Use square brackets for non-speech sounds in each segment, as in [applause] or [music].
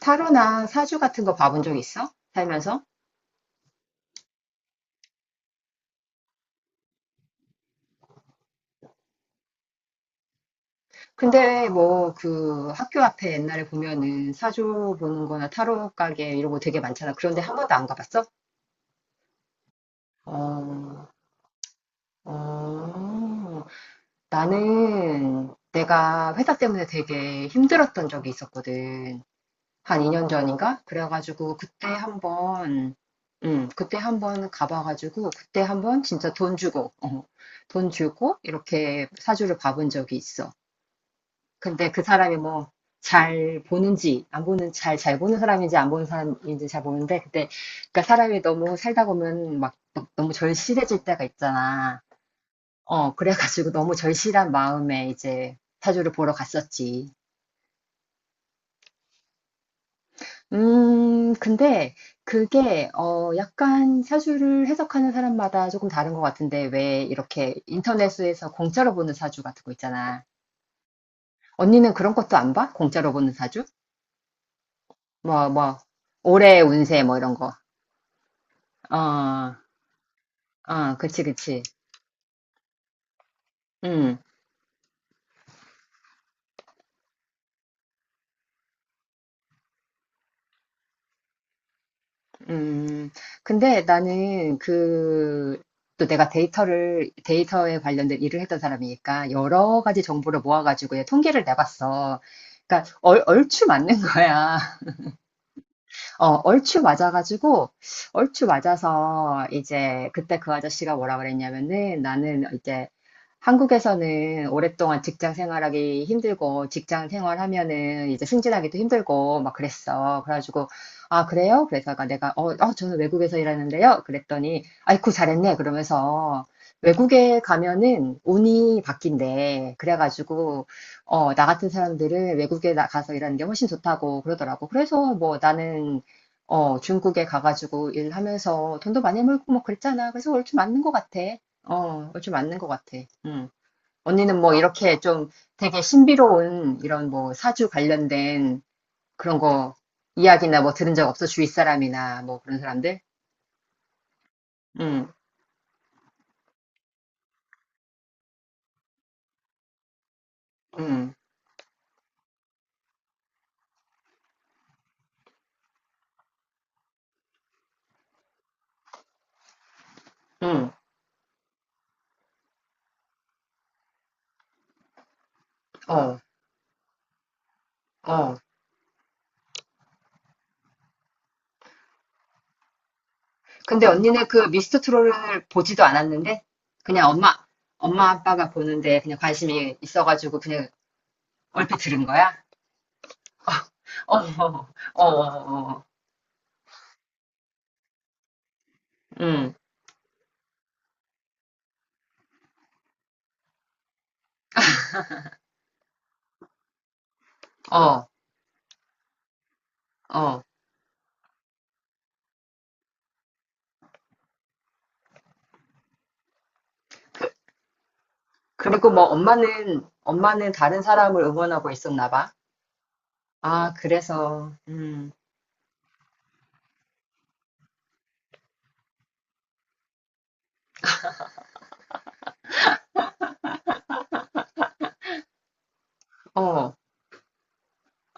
타로나 사주 같은 거 봐본 적 있어? 살면서? 근데 뭐 그 학교 앞에 옛날에 보면은 사주 보는 거나 타로 가게 이런 거 되게 많잖아. 그런데 한 번도 안 가봤어? 어, 어, 나는 내가 회사 때문에 되게 힘들었던 적이 있었거든. 한 2년 전인가? 그래가지고 그때 한 번, 그때 한번 가봐가지고 그때 한번 진짜 돈 주고, 돈 주고 이렇게 사주를 봐본 적이 있어. 근데 그 사람이 뭐 잘 보는지 안 보는 잘 잘 보는 사람인지 안 보는 사람인지 잘 보는데, 근데 그러니까 사람이 너무 살다 보면 막 너무 절실해질 때가 있잖아. 어 그래가지고 너무 절실한 마음에 이제 사주를 보러 갔었지. 근데 그게 어 약간 사주를 해석하는 사람마다 조금 다른 것 같은데, 왜 이렇게 인터넷에서 공짜로 보는 사주 같은 거 있잖아. 언니는 그런 것도 안 봐? 공짜로 보는 사주? 뭐 올해 운세 뭐 이런 거. 아, 아, 그치, 그치. 음, 음. 근데 나는 그, 또 내가 데이터에 관련된 일을 했던 사람이니까 여러 가지 정보를 모아가지고 얘 통계를 내봤어. 그러니까 얼추 맞는 거야. [laughs] 어, 얼추 맞아가지고, 얼추 맞아서 이제 그때 그 아저씨가 뭐라 그랬냐면은, 나는 이제 한국에서는 오랫동안 직장 생활하기 힘들고, 직장 생활하면은 이제 승진하기도 힘들고, 막 그랬어. 그래가지고, 아, 그래요? 그래서 아까 내가, 저는 외국에서 일하는데요? 그랬더니, 아이쿠, 잘했네. 그러면서, 외국에 가면은 운이 바뀐대. 그래가지고, 어, 나 같은 사람들은 외국에 나가서 일하는 게 훨씬 좋다고 그러더라고. 그래서 뭐 나는, 어, 중국에 가가지고 일하면서 돈도 많이 벌고 뭐 그랬잖아. 그래서 얼추 맞는 것 같아. 어, 그거 좀 맞는 것 같아. 응. 언니는 뭐 이렇게 좀 되게 신비로운 이런 뭐 사주 관련된 그런 거 이야기나 뭐 들은 적 없어? 주위 사람이나 뭐 그런 사람들? 응, 응, 응, 어, 어. 근데 언니는 그 미스터 트롯을 보지도 않았는데 그냥 엄마 아빠가 보는데 그냥 관심이 있어가지고 그냥 얼핏 들은 거야? 어, 어, 어, 어, 어. 응, 어, 어. 그리고 뭐 엄마는 다른 사람을 응원하고 있었나 봐. 아, 그래서 어.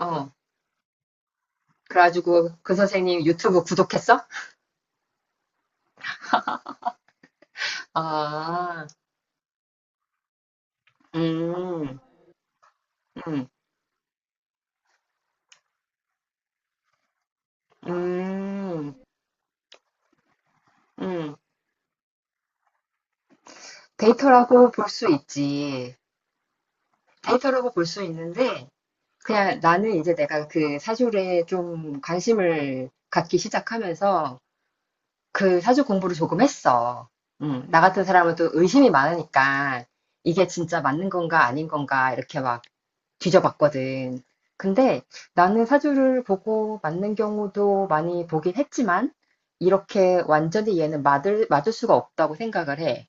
어. 그래가지고 그 선생님 유튜브 구독했어? 아. 음. 음. 음. 음. 데이터라고 볼 수 있지. 데이터라고 볼 수 있는데 그냥 나는 이제 내가 그 사주에 좀 관심을 갖기 시작하면서 그 사주 공부를 조금 했어. 나 같은 사람은 또 의심이 많으니까 이게 진짜 맞는 건가 아닌 건가 이렇게 막 뒤져봤거든. 근데 나는 사주를 보고 맞는 경우도 많이 보긴 했지만, 이렇게 완전히 얘는 맞을 수가 없다고 생각을 해.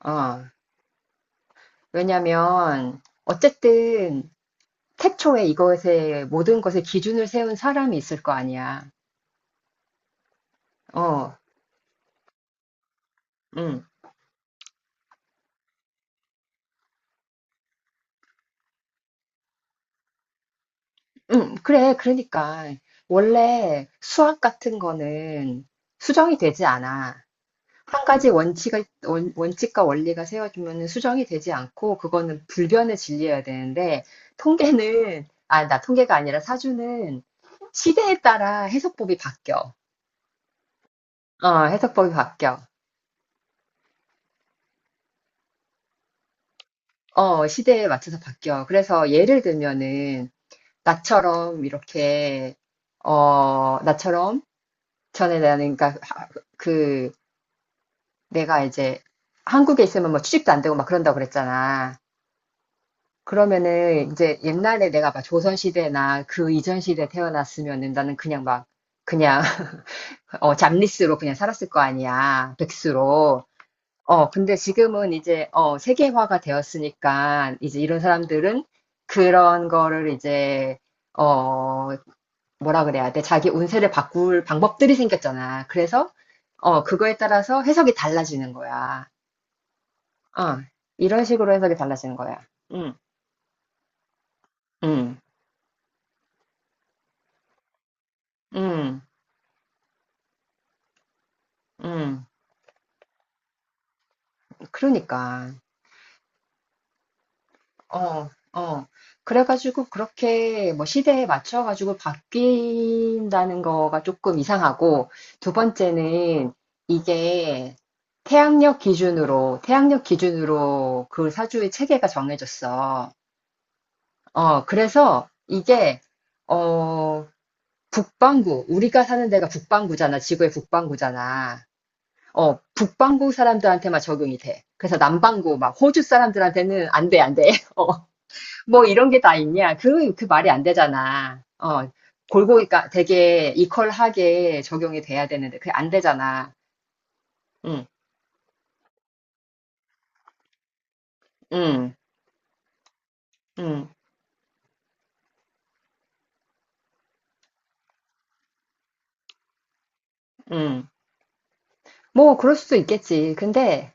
어, 왜냐면 어쨌든 태초에 이것에 모든 것에 기준을 세운 사람이 있을 거 아니야. 어, 음. 응 그래, 그러니까. 원래 수학 같은 거는 수정이 되지 않아. 한 가지 원칙과 원리가 세워지면 수정이 되지 않고, 그거는 불변의 진리여야 되는데, 통계는, 아, 나 통계가 아니라 사주는 시대에 따라 해석법이 바뀌어. 어, 해석법이 바뀌어. 어, 시대에 맞춰서 바뀌어. 그래서 예를 들면은, 나처럼 이렇게, 나처럼 전에 나는, 그러니까 하- 그, 내가 이제 한국에 있으면 뭐 취직도 안 되고 막 그런다고 그랬잖아. 그러면은 이제 옛날에 내가 막 조선시대나 그 이전 시대에 태어났으면은 나는 그냥 막 그냥 [laughs] 어 잡리스로 그냥 살았을 거 아니야. 백수로. 어 근데 지금은 이제 어 세계화가 되었으니까 이제 이런 사람들은 그런 거를 이제 어 뭐라 그래야 돼? 자기 운세를 바꿀 방법들이 생겼잖아. 그래서 어 그거에 따라서 해석이 달라지는 거야. 아, 이런 식으로 해석이 달라지는 거야. 응, 응, 응, 응. 그러니까, 어, 어. 그래가지고 그렇게 뭐 시대에 맞춰가지고 바뀐다는 거가 조금 이상하고, 두 번째는 이게 태양력 기준으로 그 사주의 체계가 정해졌어. 어, 그래서 이게, 어, 북반구, 우리가 사는 데가 북반구잖아. 지구의 북반구잖아. 어, 북반구 사람들한테만 적용이 돼. 그래서 남반구, 막 호주 사람들한테는 안 돼. [laughs] 어, 뭐 이런 게 다 있냐. 그 말이 안 되잖아. 어, 골고루, 까 되게 이퀄하게 적용이 돼야 되는데, 그게 안 되잖아. 응, 응, 응, 응. 뭐, 그럴 수도 있겠지. 근데,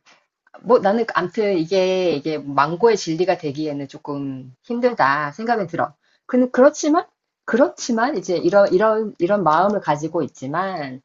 뭐 나는 암튼 이게 망고의 진리가 되기에는 조금 힘들다 생각이 들어. 그렇지만, 그렇지만, 이제 이런 마음을 가지고 있지만,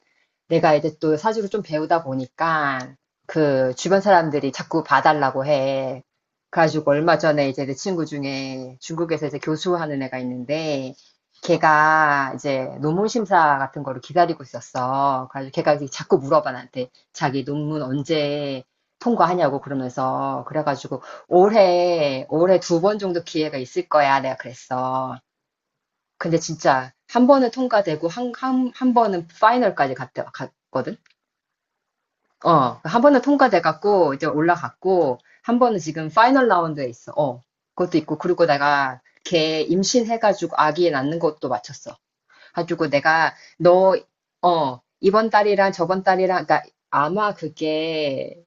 내가 이제 또 사주를 좀 배우다 보니까 그 주변 사람들이 자꾸 봐달라고 해. 그래가지고 얼마 전에 이제 내 친구 중에 중국에서 이제 교수하는 애가 있는데 걔가 이제 논문 심사 같은 거를 기다리고 있었어. 그래가지고 걔가 이제 자꾸 물어봐, 나한테 자기 논문 언제 통과하냐고. 그러면서 그래가지고 올해 두 번 정도 기회가 있을 거야, 내가 그랬어. 근데 진짜 한 번은 통과되고, 한 번은 파이널까지 갔거든. 어, 한 번은 통과돼갖고 이제 올라갔고, 한 번은 지금 파이널 라운드에 있어. 어, 그것도 있고 그리고 내가 걔 임신해가지고 아기 낳는 것도 마쳤어. 가지고 내가 너 어, 이번 달이랑 저번 달이랑 그러니까 아마 그게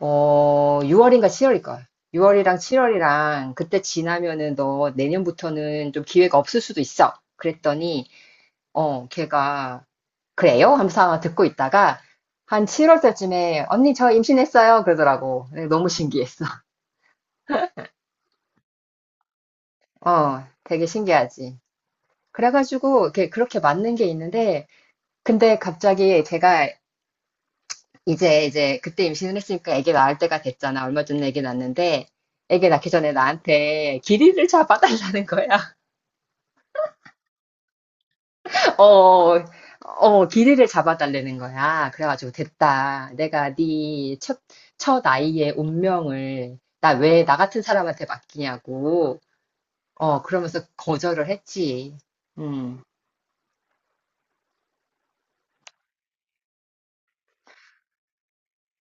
어 6월인가 7월일 거야. 6월이랑 7월이랑 그때 지나면은 너 내년부터는 좀 기회가 없을 수도 있어. 그랬더니 어 걔가 그래요? 하면서 아마 듣고 있다가 한 7월 때쯤에, 언니 저 임신했어요, 그러더라고. 네, 너무 신기했어. [laughs] 어, 되게 신기하지. 그래가지고 이렇게 그렇게 맞는 게 있는데 근데 갑자기 제가 이제 그때 임신을 했으니까 아기 낳을 때가 됐잖아. 얼마 전에 아기 낳았는데 아기 낳기 전에 나한테 길이를 잡아달라는 [laughs] 거야. 어, 어, 길이를 잡아달라는 거야. 그래가지고 됐다. 내가 첫 아이의 운명을 나 왜 나 같은 사람한테 맡기냐고. 어, 그러면서 거절을 했지. 음.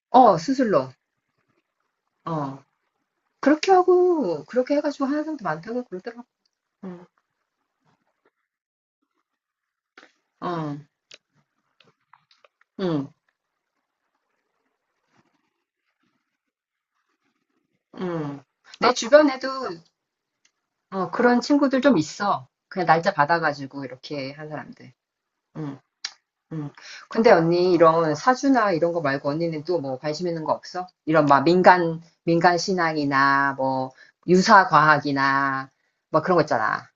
어, 수술로. 어. 그렇게 하고, 그렇게 해가지고 하는 사람도 많다고 그러더라고. 음. 어, 음, 음. 내 주변에도 어, 그런 친구들 좀 있어. 그냥 날짜 받아가지고 이렇게 한 사람들. 음. 음. 근데 언니 이런 사주나 이런 거 말고 언니는 또 뭐 관심 있는 거 없어? 이런 막 민간 신앙이나 뭐 유사 과학이나 막 그런 거 있잖아.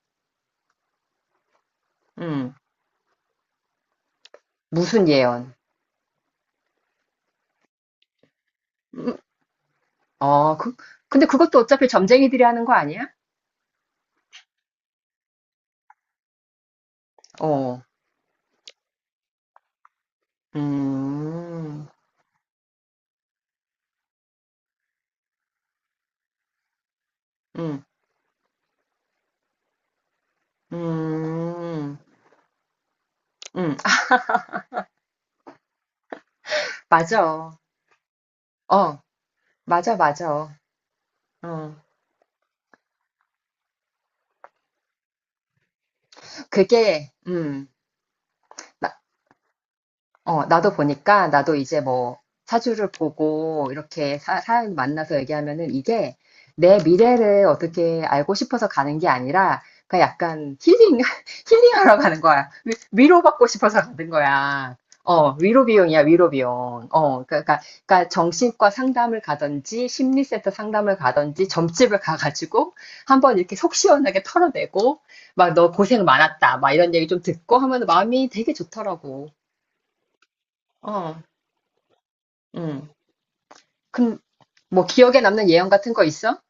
음. 무슨 예언? 음, 어, 그, 근데 그것도 어차피 점쟁이들이 하는 거 아니야? 어. 음. 음. 음. 음. 아, 맞아. 어. 맞아, 맞아. 어. 그게 어, 나도 보니까 나도 이제 뭐 사주를 보고 이렇게 사람 만나서 얘기하면은 이게 내 미래를 어떻게 알고 싶어서 가는 게 아니라 그냥 약간 힐링, [laughs] 힐링하러 가는 거야. 위로받고 싶어서 가는 거야. 어, 위로 비용이야, 위로 비용. 어, 그러니까, 그러니까 정신과 상담을 가든지 심리센터 상담을 가든지 점집을 가가지고 한번 이렇게 속 시원하게 털어내고 막 너 고생 많았다 막 이런 얘기 좀 듣고 하면 마음이 되게 좋더라고. 어. 응, 근, 뭐 기억에 남는 예언 같은 거 있어?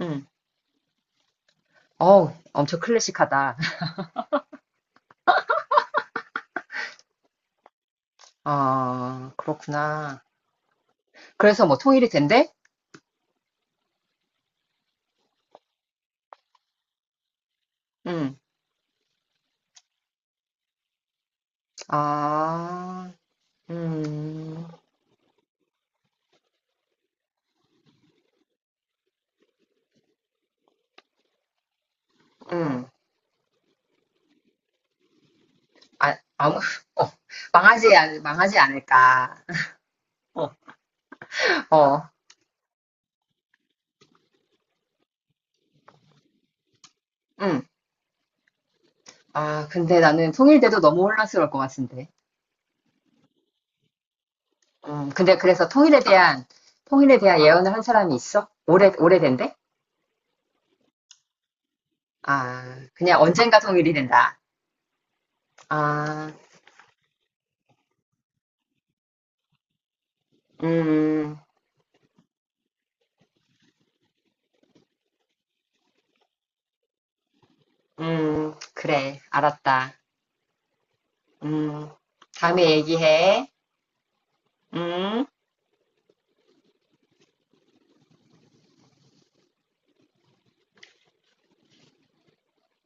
응. 어우, 엄청 클래식하다. [laughs] 아, 그렇구나. 그래서 뭐 통일이 된대? 응, 아, 음, 응. 아, 아무, [laughs] 어, 망하지 않을까. 어, 어, 응, 아, 근데 나는 통일돼도 너무 혼란스러울 것 같은데. 근데 그래서 통일에 대한 예언을 한 사람이 있어? 오래된대? 아, 그냥 언젠가 통일이 된다. 아, 음, 그래, 알았다. 음, 다음에 얘기해. 음.